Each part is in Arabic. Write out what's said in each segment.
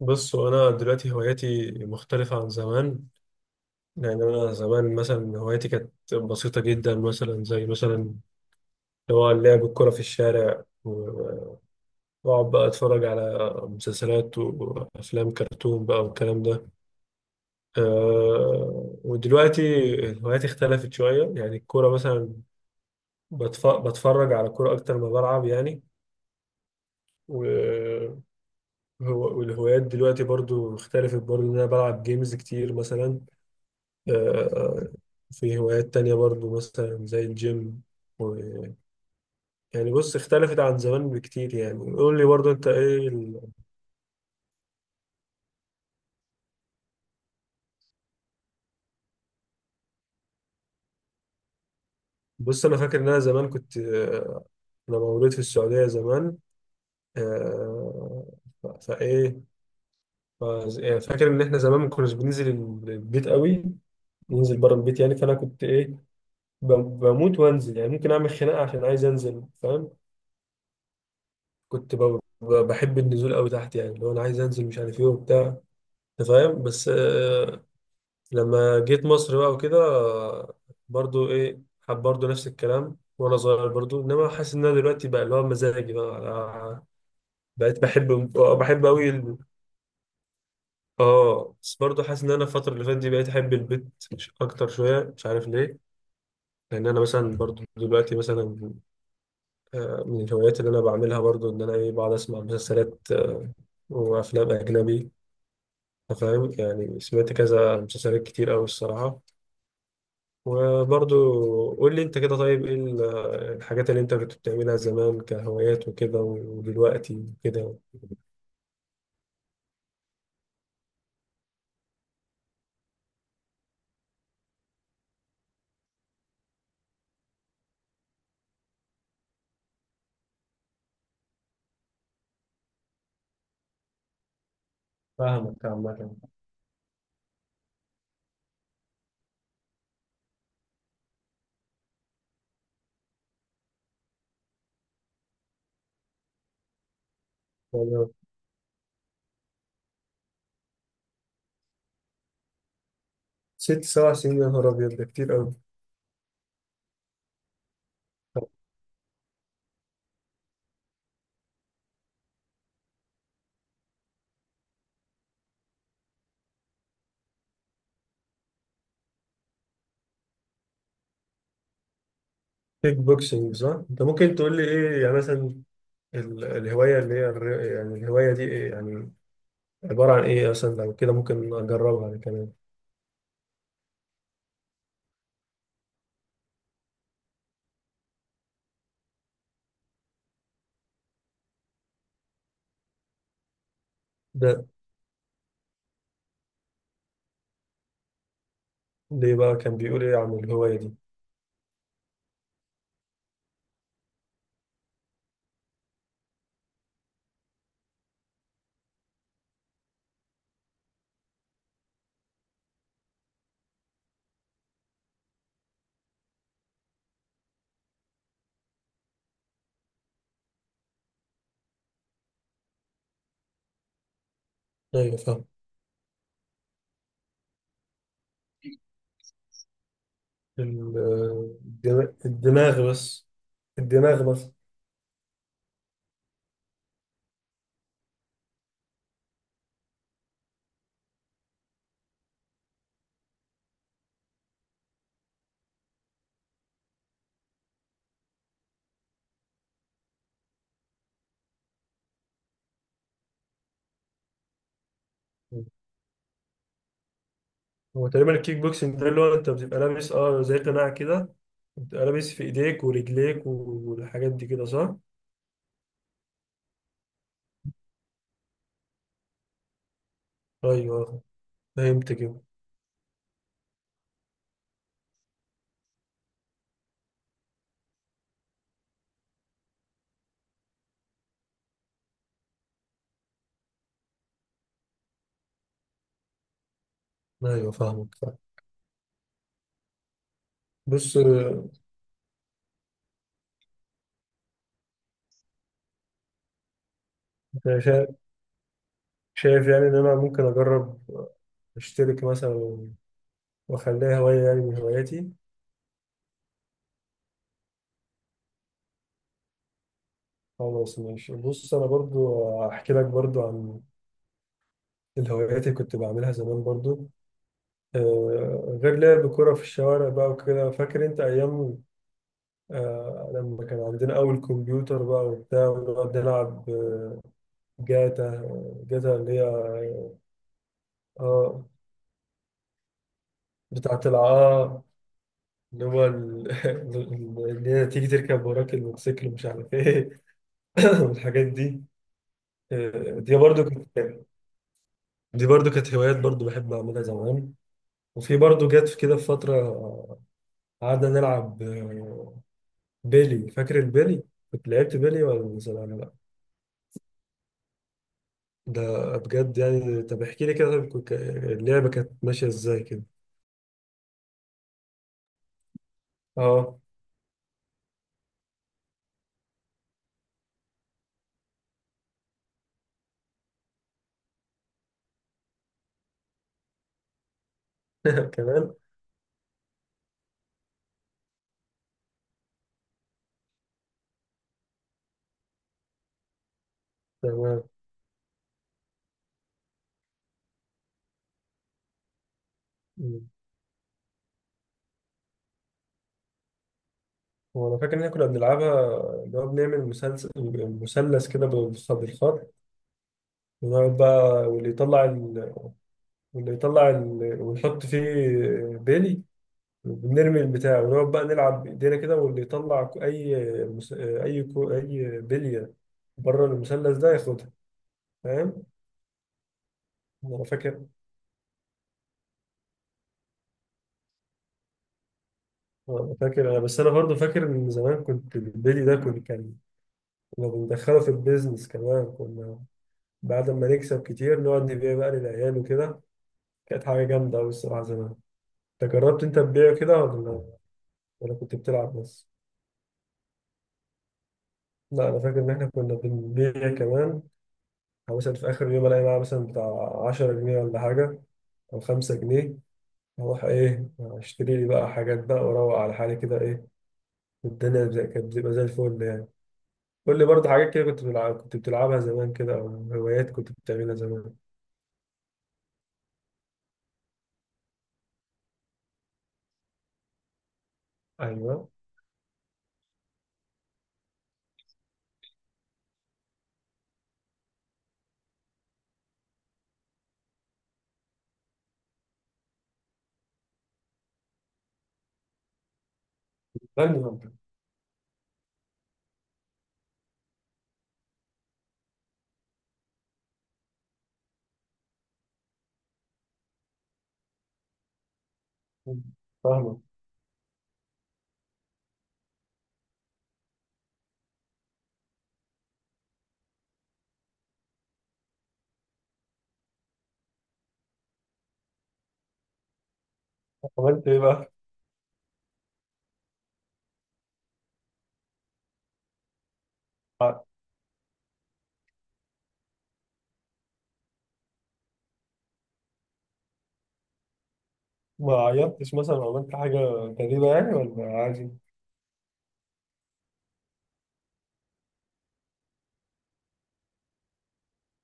بصوا أنا دلوقتي هواياتي مختلفة عن زمان. لأن أنا زمان مثلا هواياتي كانت بسيطة جدا، مثلا زي مثلا اللي هو لعب الكرة في الشارع و- وأقعد بقى أتفرج على مسلسلات وأفلام كرتون بقى والكلام ده. ودلوقتي هواياتي اختلفت شوية، يعني الكورة مثلا بتفرج على كورة أكتر ما بلعب يعني. و- والهوايات دلوقتي برضو اختلفت برضو، إن أنا بلعب جيمز كتير مثلا. آه، في هوايات تانية برضو مثلا زي الجيم و... يعني بص، اختلفت عن زمان بكتير. يعني قول لي برضو انت ايه بص، انا فاكر ان انا زمان كنت، انا مولود في السعودية زمان. آه، ف- فايه يعني فاكر ان احنا زمان ما كناش بننزل البيت قوي، ننزل بره البيت يعني. فانا كنت ايه، بموت وانزل يعني، ممكن اعمل خناقة عشان عايز انزل، فاهم؟ كنت بحب النزول قوي تحت يعني، لو انا عايز انزل مش عارف ايه وبتاع، أنت فاهم. بس لما جيت مصر بقى وكده، برضو ايه، حب برضو نفس الكلام وانا صغير برضو. انما حاسس ان انا دلوقتي بقى اللي هو مزاجي بقى أنا بقيت بحب قوي اه بس برضو حاسس ان انا الفتره اللي فاتت دي بقيت احب البيت اكتر شويه، مش عارف ليه. لان انا مثلا برضو دلوقتي مثلا، من الهوايات اللي انا بعملها برضو ان انا ايه، بقعد اسمع مسلسلات، وافلام اجنبي. أنت فاهم، يعني سمعت كذا مسلسلات كتير قوي الصراحه. وبرضو قول لي انت كده، طيب ايه الحاجات اللي انت كنت بتعملها زمان كهوايات وكده ودلوقتي كده؟ فاهمك عامة. يعني ست سبع سنين، يا نهار ابيض، ده كتير قوي. كيك بوكسنج صح؟ انت ممكن تقول لي ايه يعني مثلا الهواية اللي هي يعني الهواية دي ايه يعني، عبارة عن ايه مثلا؟ لو كده ممكن اجربها انا كمان. ده ليه بقى، كان بيقول ايه عن الهواية دي؟ ايوه فاهم. ال- الدماغ، الدماغ بس. الدماغ بس. هو تقريبا الكيك بوكسنج ده اللي هو انت بتبقى لابس اه زي قناع كده، بتبقى لابس في ايديك ورجليك والحاجات دي كده صح؟ ايوه. فهمت كده. ايوه فاهمك، فاهم. بص، أنا شايف، شايف يعني ان انا ممكن اجرب، اشترك مثلا، واخليها هواية يعني من هواياتي. خلاص ماشي. بص، انا برضو احكي لك برضو عن الهوايات اللي كنت بعملها زمان برضو. غير لعب كرة في الشوارع بقى وكده، فاكر انت ايام، لما كان عندنا أول كمبيوتر بقى وبتاع ونقعد نلعب، جاتا، جاتا اللي هي اه بتاعة العقار، اللي هو اللي هي تيجي تركب وراك الموتوسيكل مش عارف ايه والحاجات دي. دي برضو كانت، هوايات برضو بحب أعملها زمان. وفي برضو جت في كده في فترة، قعدنا نلعب، بيلي. فاكر البيلي؟ كنت لعبت بيلي ولا لأ؟ ده بجد؟ يعني طب احكي لي كده. طب اللعبة كانت ماشية ازاي كده؟ اه كمان. تمام. مم. هو انا فاكر ان احنا كنا بنلعبها، اللي هو بنعمل مسلسل مثلث كده بالخط، ونقعد بقى واللي يطلع ونحط فيه بيلي، وبنرمي البتاع ونقعد بقى نلعب بايدينا كده، واللي يطلع ك- اي مس... اي كو... اي بليه بره المثلث ده ياخدها، فاهم؟ انا فاكر، فاكر انا. بس انا برضه فاكر ان زمان كنت البيلي ده كنت كان كنا بندخله في البيزنس كمان، كنا بعد ما نكسب كتير نقعد نبيع بقى للعيال وكده. كانت حاجه جامده قوي الصراحه زمان. انت جربت انت تبيع كده، ولا كنت بتلعب بس؟ لا، انا فاكر ان احنا كنا بنبيع كمان، او مثلا في اخر يوم الاقي معايا مثلا بتاع 10 جنيه ولا حاجه او 5 جنيه، اروح ايه، اشتري لي بقى حاجات بقى واروق على حالي كده ايه، والدنيا كانت بتبقى زي الفل يعني. قول لي برضه حاجات كده كنت بتلعبها زمان كده، او هوايات كنت بتعملها زمان. ايوه. استنى بقى. فاهمك. عملت ايه بقى؟ ع- ما عيطتش مثلا أو عملت حاجة غريبة يعني، ولا عادي؟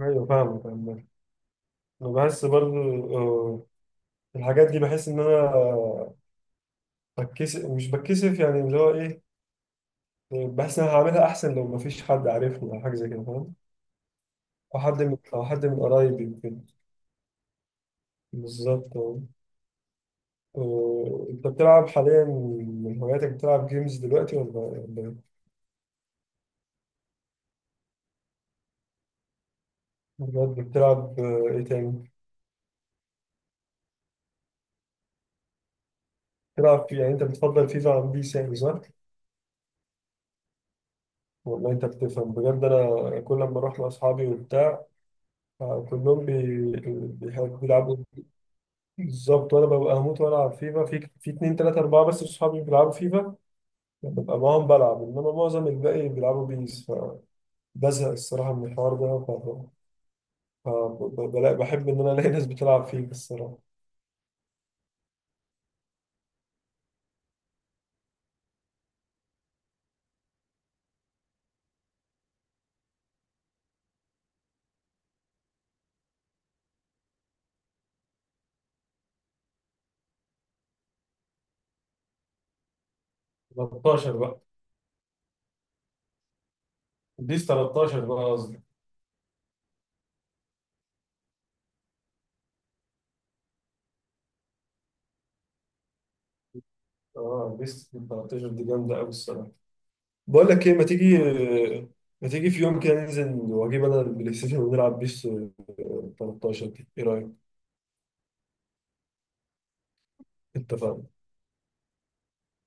ايوه فاهمك عامة. انا بحس برضو، آه، الحاجات دي بحس ان انا بتكسف، مش بتكسف يعني، اللي هو ايه، بحس ان انا هعملها احسن لو مفيش حد عارفني او حاجة زي كده، فاهم؟ او حد من، قرايبي وكده. بالظبط. انت بتلعب حاليا من هواياتك، بتلعب جيمز دلوقتي ولا؟ بجد؟ بتلعب، ايه تاني؟ بتلعب في، يعني انت بتفضل فيفا عن بيس يعني صح؟ والله انت بتفهم بجد. انا كل ما اروح مع اصحابي وبتاع، كلهم بيحبوا بيلعبوا. بالظبط. وانا ببقى هموت والعب فيفا، في اتنين تلاتة اربعة بس اصحابي بيلعبوا فيفا ببقى معاهم بلعب، انما معظم الباقي بيلعبوا بيس، فبزهق الصراحة من الحوار ده. ف... ف... ب- ب- بلاقي- بحب ان انا الاقي ناس بتلعب فيفا الصراحة. 13 بقى. بيس 13 بقى قصدي. اه بيس 13 دي جامدة أوي الصراحة. بقول لك إيه، ما تيجي في يوم كده، ننزل وأجيب أنا البلاي ستيشن ونلعب بيس 13 دي، إيه رأيك؟ اتفقنا.